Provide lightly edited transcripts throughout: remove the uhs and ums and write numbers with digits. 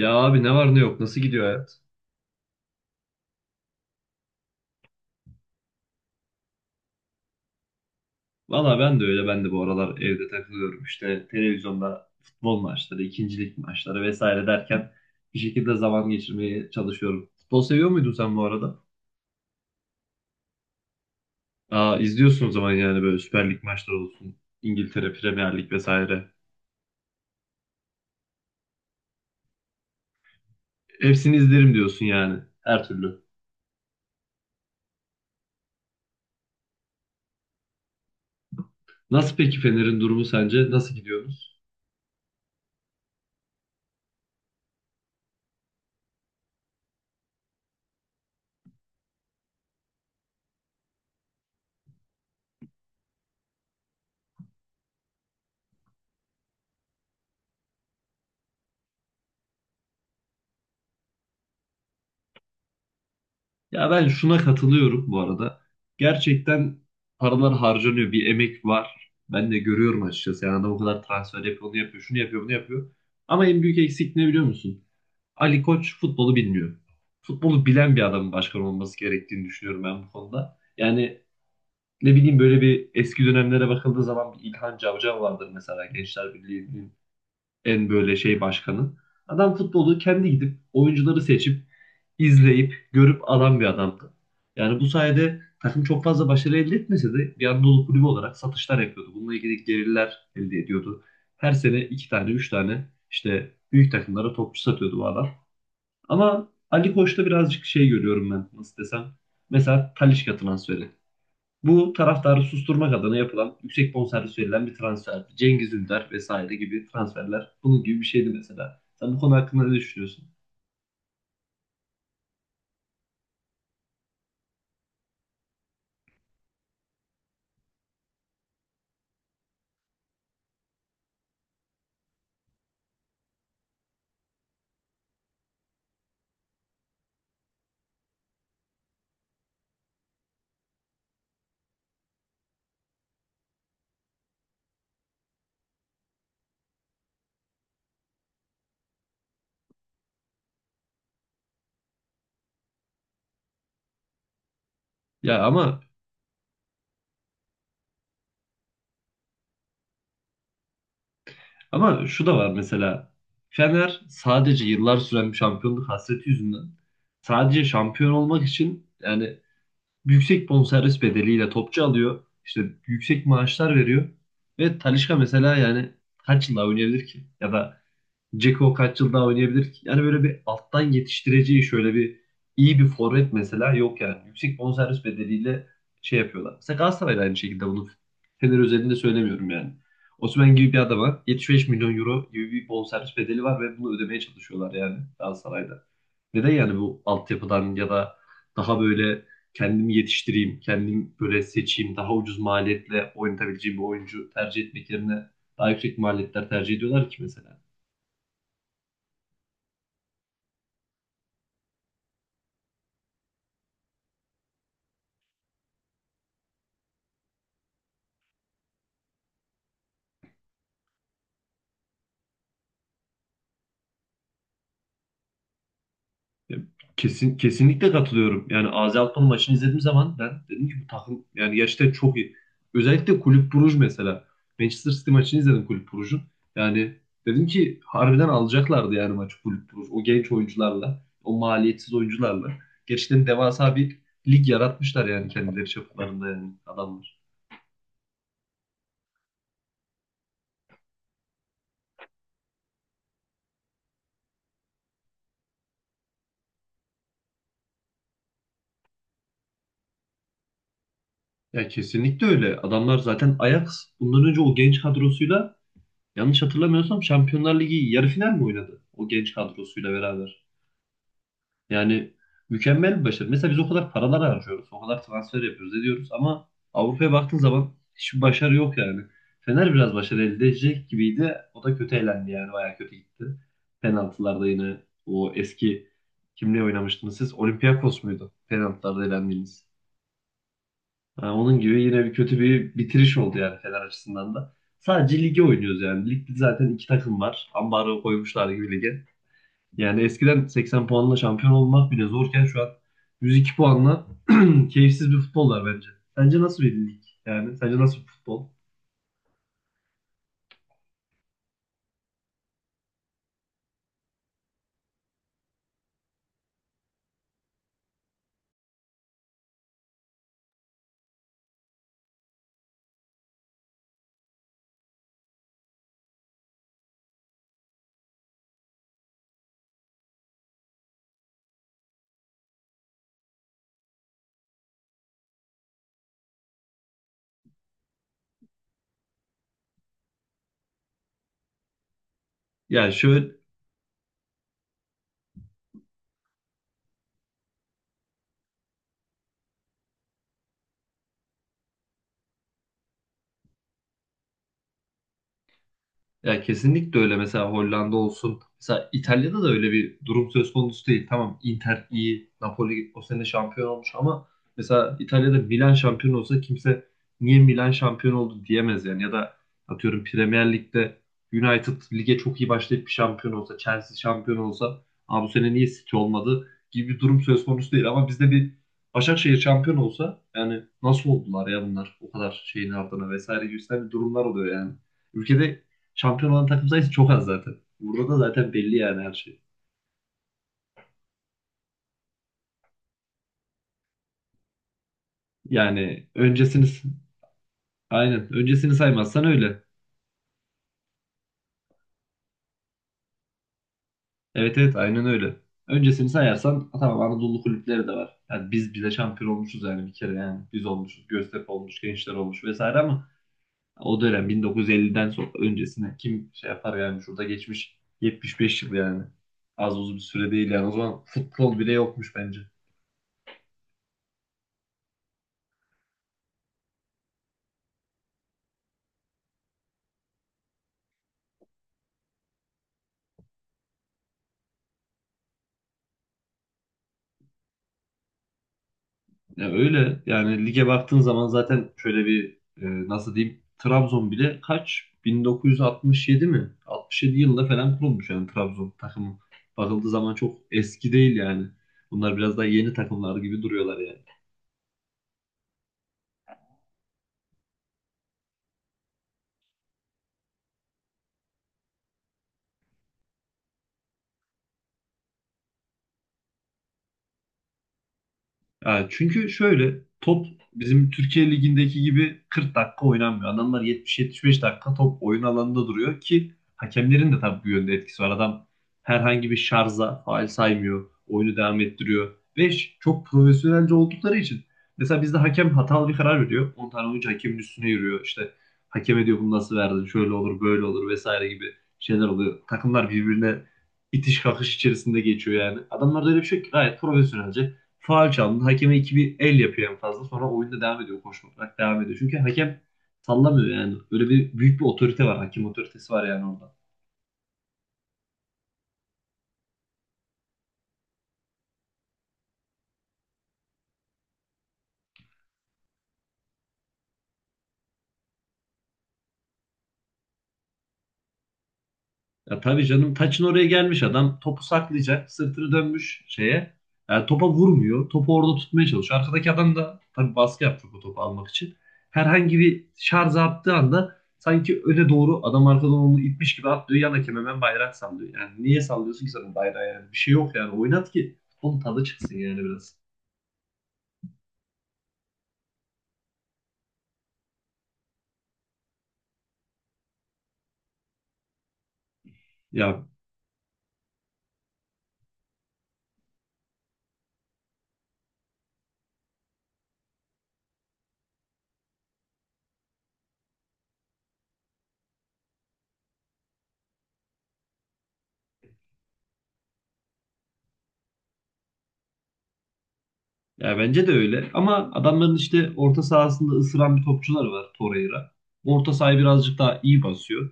Ya abi ne var ne yok nasıl gidiyor hayat? Valla ben de öyle ben de bu aralar evde takılıyorum işte televizyonda futbol maçları, ikincilik maçları vesaire derken bir şekilde zaman geçirmeye çalışıyorum. Futbol seviyor muydun sen bu arada? Aa izliyorsun o zaman yani böyle Süper Lig maçları olsun, İngiltere Premier Lig vesaire. Hepsini izlerim diyorsun yani her türlü. Nasıl peki Fener'in durumu sence? Nasıl gidiyoruz? Ya ben şuna katılıyorum bu arada. Gerçekten paralar harcanıyor. Bir emek var. Ben de görüyorum açıkçası. Yani adam o kadar transfer yapıyor, onu yapıyor, şunu yapıyor, bunu yapıyor. Ama en büyük eksik ne biliyor musun? Ali Koç futbolu bilmiyor. Futbolu bilen bir adamın başkan olması gerektiğini düşünüyorum ben bu konuda. Yani ne bileyim böyle bir eski dönemlere bakıldığı zaman bir İlhan Cavcav vardır mesela Gençler Birliği en böyle şey başkanı. Adam futbolu kendi gidip oyuncuları seçip izleyip görüp alan bir adamdı. Yani bu sayede takım çok fazla başarı elde etmese de bir Anadolu kulübü olarak satışlar yapıyordu. Bununla ilgili gelirler elde ediyordu. Her sene iki tane, üç tane işte büyük takımlara topçu satıyordu bu adam. Ama Ali Koç'ta birazcık şey görüyorum ben nasıl desem. Mesela Talisca transferi. Bu taraftarı susturmak adına yapılan yüksek bonservis verilen bir transferdi. Cengiz Ünder vesaire gibi transferler bunun gibi bir şeydi mesela. Sen bu konu hakkında ne düşünüyorsun? Ya ama şu da var mesela. Fener sadece yıllar süren bir şampiyonluk hasreti yüzünden sadece şampiyon olmak için yani yüksek bonservis bedeliyle topçu alıyor. İşte yüksek maaşlar veriyor. Ve Talisca mesela yani kaç yılda oynayabilir ki? Ya da Dzeko kaç yıl daha oynayabilir ki? Yani böyle bir alttan yetiştireceği şöyle bir iyi bir forvet mesela yok yani. Yüksek bonservis bedeliyle şey yapıyorlar. Mesela Galatasaray aynı şekilde bunu Fener özelinde söylemiyorum yani. Osimhen gibi bir adama 75 milyon euro gibi bir bonservis bedeli var ve bunu ödemeye çalışıyorlar yani Galatasaray'da. Neden yani bu altyapıdan ya da daha böyle kendimi yetiştireyim, kendim böyle seçeyim, daha ucuz maliyetle oynatabileceğim bir oyuncu tercih etmek yerine daha yüksek maliyetler tercih ediyorlar ki mesela. Kesin, kesinlikle katılıyorum. Yani AZ Alkmaar maçını izlediğim zaman ben dedim ki bu takım yani gerçekten çok iyi. Özellikle Kulüp Bruj mesela. Manchester City maçını izledim Kulüp Brugge'un. Yani dedim ki harbiden alacaklardı yani maçı Kulüp Bruj. O genç oyuncularla, o maliyetsiz oyuncularla. Gerçekten devasa bir lig yaratmışlar yani kendileri çaplarında yani adamlar. Ya kesinlikle öyle. Adamlar zaten Ajax bundan önce o genç kadrosuyla yanlış hatırlamıyorsam Şampiyonlar Ligi yarı final mi oynadı? O genç kadrosuyla beraber. Yani mükemmel bir başarı. Mesela biz o kadar paralar harcıyoruz, o kadar transfer yapıyoruz, ediyoruz ama Avrupa'ya baktığın zaman hiçbir başarı yok yani. Fener biraz başarı elde edecek gibiydi. O da kötü elendi yani, bayağı kötü gitti. Penaltılarda yine o eski kimle oynamıştınız siz? Olympiakos muydu? Penaltılarda elendiğiniz. Ha, onun gibi yine bir kötü bir bitiriş oldu yani Fener açısından da. Sadece lige oynuyoruz yani. Ligde zaten iki takım var. Ambargo koymuşlar gibi lige. Yani eskiden 80 puanla şampiyon olmak bile zorken şu an 102 puanla keyifsiz bir futbol var bence. Sence nasıl bir lig? Yani sence nasıl bir futbol? Yani şöyle ya kesinlikle öyle. Mesela Hollanda olsun. Mesela İtalya'da da öyle bir durum söz konusu değil. Tamam Inter iyi, Napoli o sene şampiyon olmuş ama mesela İtalya'da Milan şampiyon olsa kimse niye Milan şampiyon oldu diyemez yani. Ya da atıyorum Premier Lig'de United lige çok iyi başlayıp bir şampiyon olsa, Chelsea şampiyon olsa, Aa, bu sene niye City olmadı gibi bir durum söz konusu değil. Ama bizde bir Başakşehir şampiyon olsa yani nasıl oldular ya bunlar o kadar şeyin ardına vesaire gibi bir durumlar oluyor yani. Ülkede şampiyon olan takım sayısı çok az zaten. Burada da zaten belli yani her şey. Yani öncesini aynen öncesini saymazsan öyle. Evet evet aynen öyle. Öncesini sayarsan tamam Anadolu kulüpleri de var. Yani biz bize şampiyon olmuşuz yani bir kere yani biz olmuşuz. Göztepe olmuş, Gençler olmuş vesaire ama o dönem 1950'den sonra öncesine kim şey yapar yani şurada geçmiş 75 yıl yani. Az uzun bir süre değil yani. O zaman futbol bile yokmuş bence. Ya öyle yani lige baktığın zaman zaten şöyle bir e, nasıl diyeyim Trabzon bile kaç 1967 mi? 67 yılında falan kurulmuş yani Trabzon takımı. Bakıldığı zaman çok eski değil yani. Bunlar biraz daha yeni takımlar gibi duruyorlar yani. Ya çünkü şöyle top bizim Türkiye Ligi'ndeki gibi 40 dakika oynanmıyor. Adamlar 70-75 dakika top oyun alanında duruyor ki hakemlerin de tabii bu yönde etkisi var. Adam herhangi bir şarza faul saymıyor. Oyunu devam ettiriyor. Ve çok profesyonelce oldukları için. Mesela bizde hakem hatalı bir karar veriyor. 10 tane oyuncu hakemin üstüne yürüyor. İşte hakeme diyor bunu nasıl verdin? Şöyle olur böyle olur vesaire gibi şeyler oluyor. Takımlar birbirine itiş kakış içerisinde geçiyor yani. Adamlarda öyle bir şey yok ki gayet profesyonelce. Faul çaldın. Hakeme iki bir el yapıyor en fazla. Sonra oyunda devam ediyor. Koşmak devam ediyor. Çünkü hakem sallamıyor yani. Böyle bir büyük bir otorite var. Hakem otoritesi var yani orada. Ya tabii canım taçın oraya gelmiş adam. Topu saklayacak. Sırtını dönmüş şeye. Yani topa vurmuyor. Topu orada tutmaya çalışıyor. Arkadaki adam da tabii baskı yapacak o topu almak için. Herhangi bir şarj attığı anda sanki öne doğru adam arkadan onu itmiş gibi atlıyor. Yan hakem hemen bayrak sallıyor. Yani niye sallıyorsun ki sen bayrağı yani? Bir şey yok yani. Oynat ki. Onun tadı çıksın yani biraz. Ya, ya, bence de öyle. Ama adamların işte orta sahasında ısıran bir topçular var Torreira. Orta sahayı birazcık daha iyi basıyor.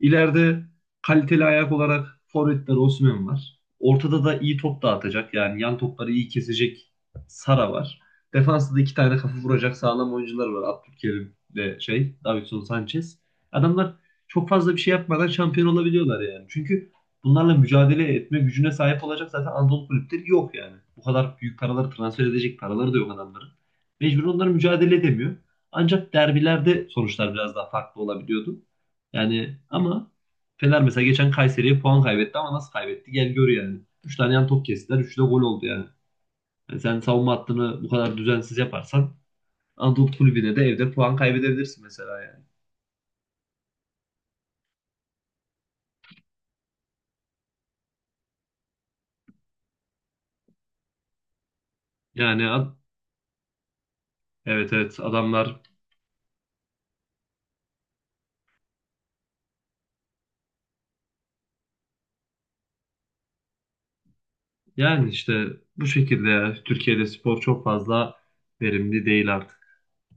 İleride kaliteli ayak olarak forvetler Osimhen var. Ortada da iyi top dağıtacak yani yan topları iyi kesecek Sara var. Defansta da iki tane kafa vuracak sağlam oyuncular var. Abdülkerim ve şey Davinson Sanchez. Adamlar çok fazla bir şey yapmadan şampiyon olabiliyorlar yani. Çünkü bunlarla mücadele etme gücüne sahip olacak zaten Anadolu kulüpleri yok yani. Bu kadar büyük paraları transfer edecek paraları da yok adamların. Mecbur onlar mücadele edemiyor. Ancak derbilerde sonuçlar biraz daha farklı olabiliyordu. Yani ama Fener mesela geçen Kayseri'ye puan kaybetti ama nasıl kaybetti? Gel gör yani. Üç tane yan top kestiler. 3'ü de gol oldu yani. Yani sen savunma hattını bu kadar düzensiz yaparsan Anadolu Kulübü'ne de evde puan kaybedebilirsin mesela yani. Yani evet evet adamlar yani işte bu şekilde ya. Türkiye'de spor çok fazla verimli değil artık.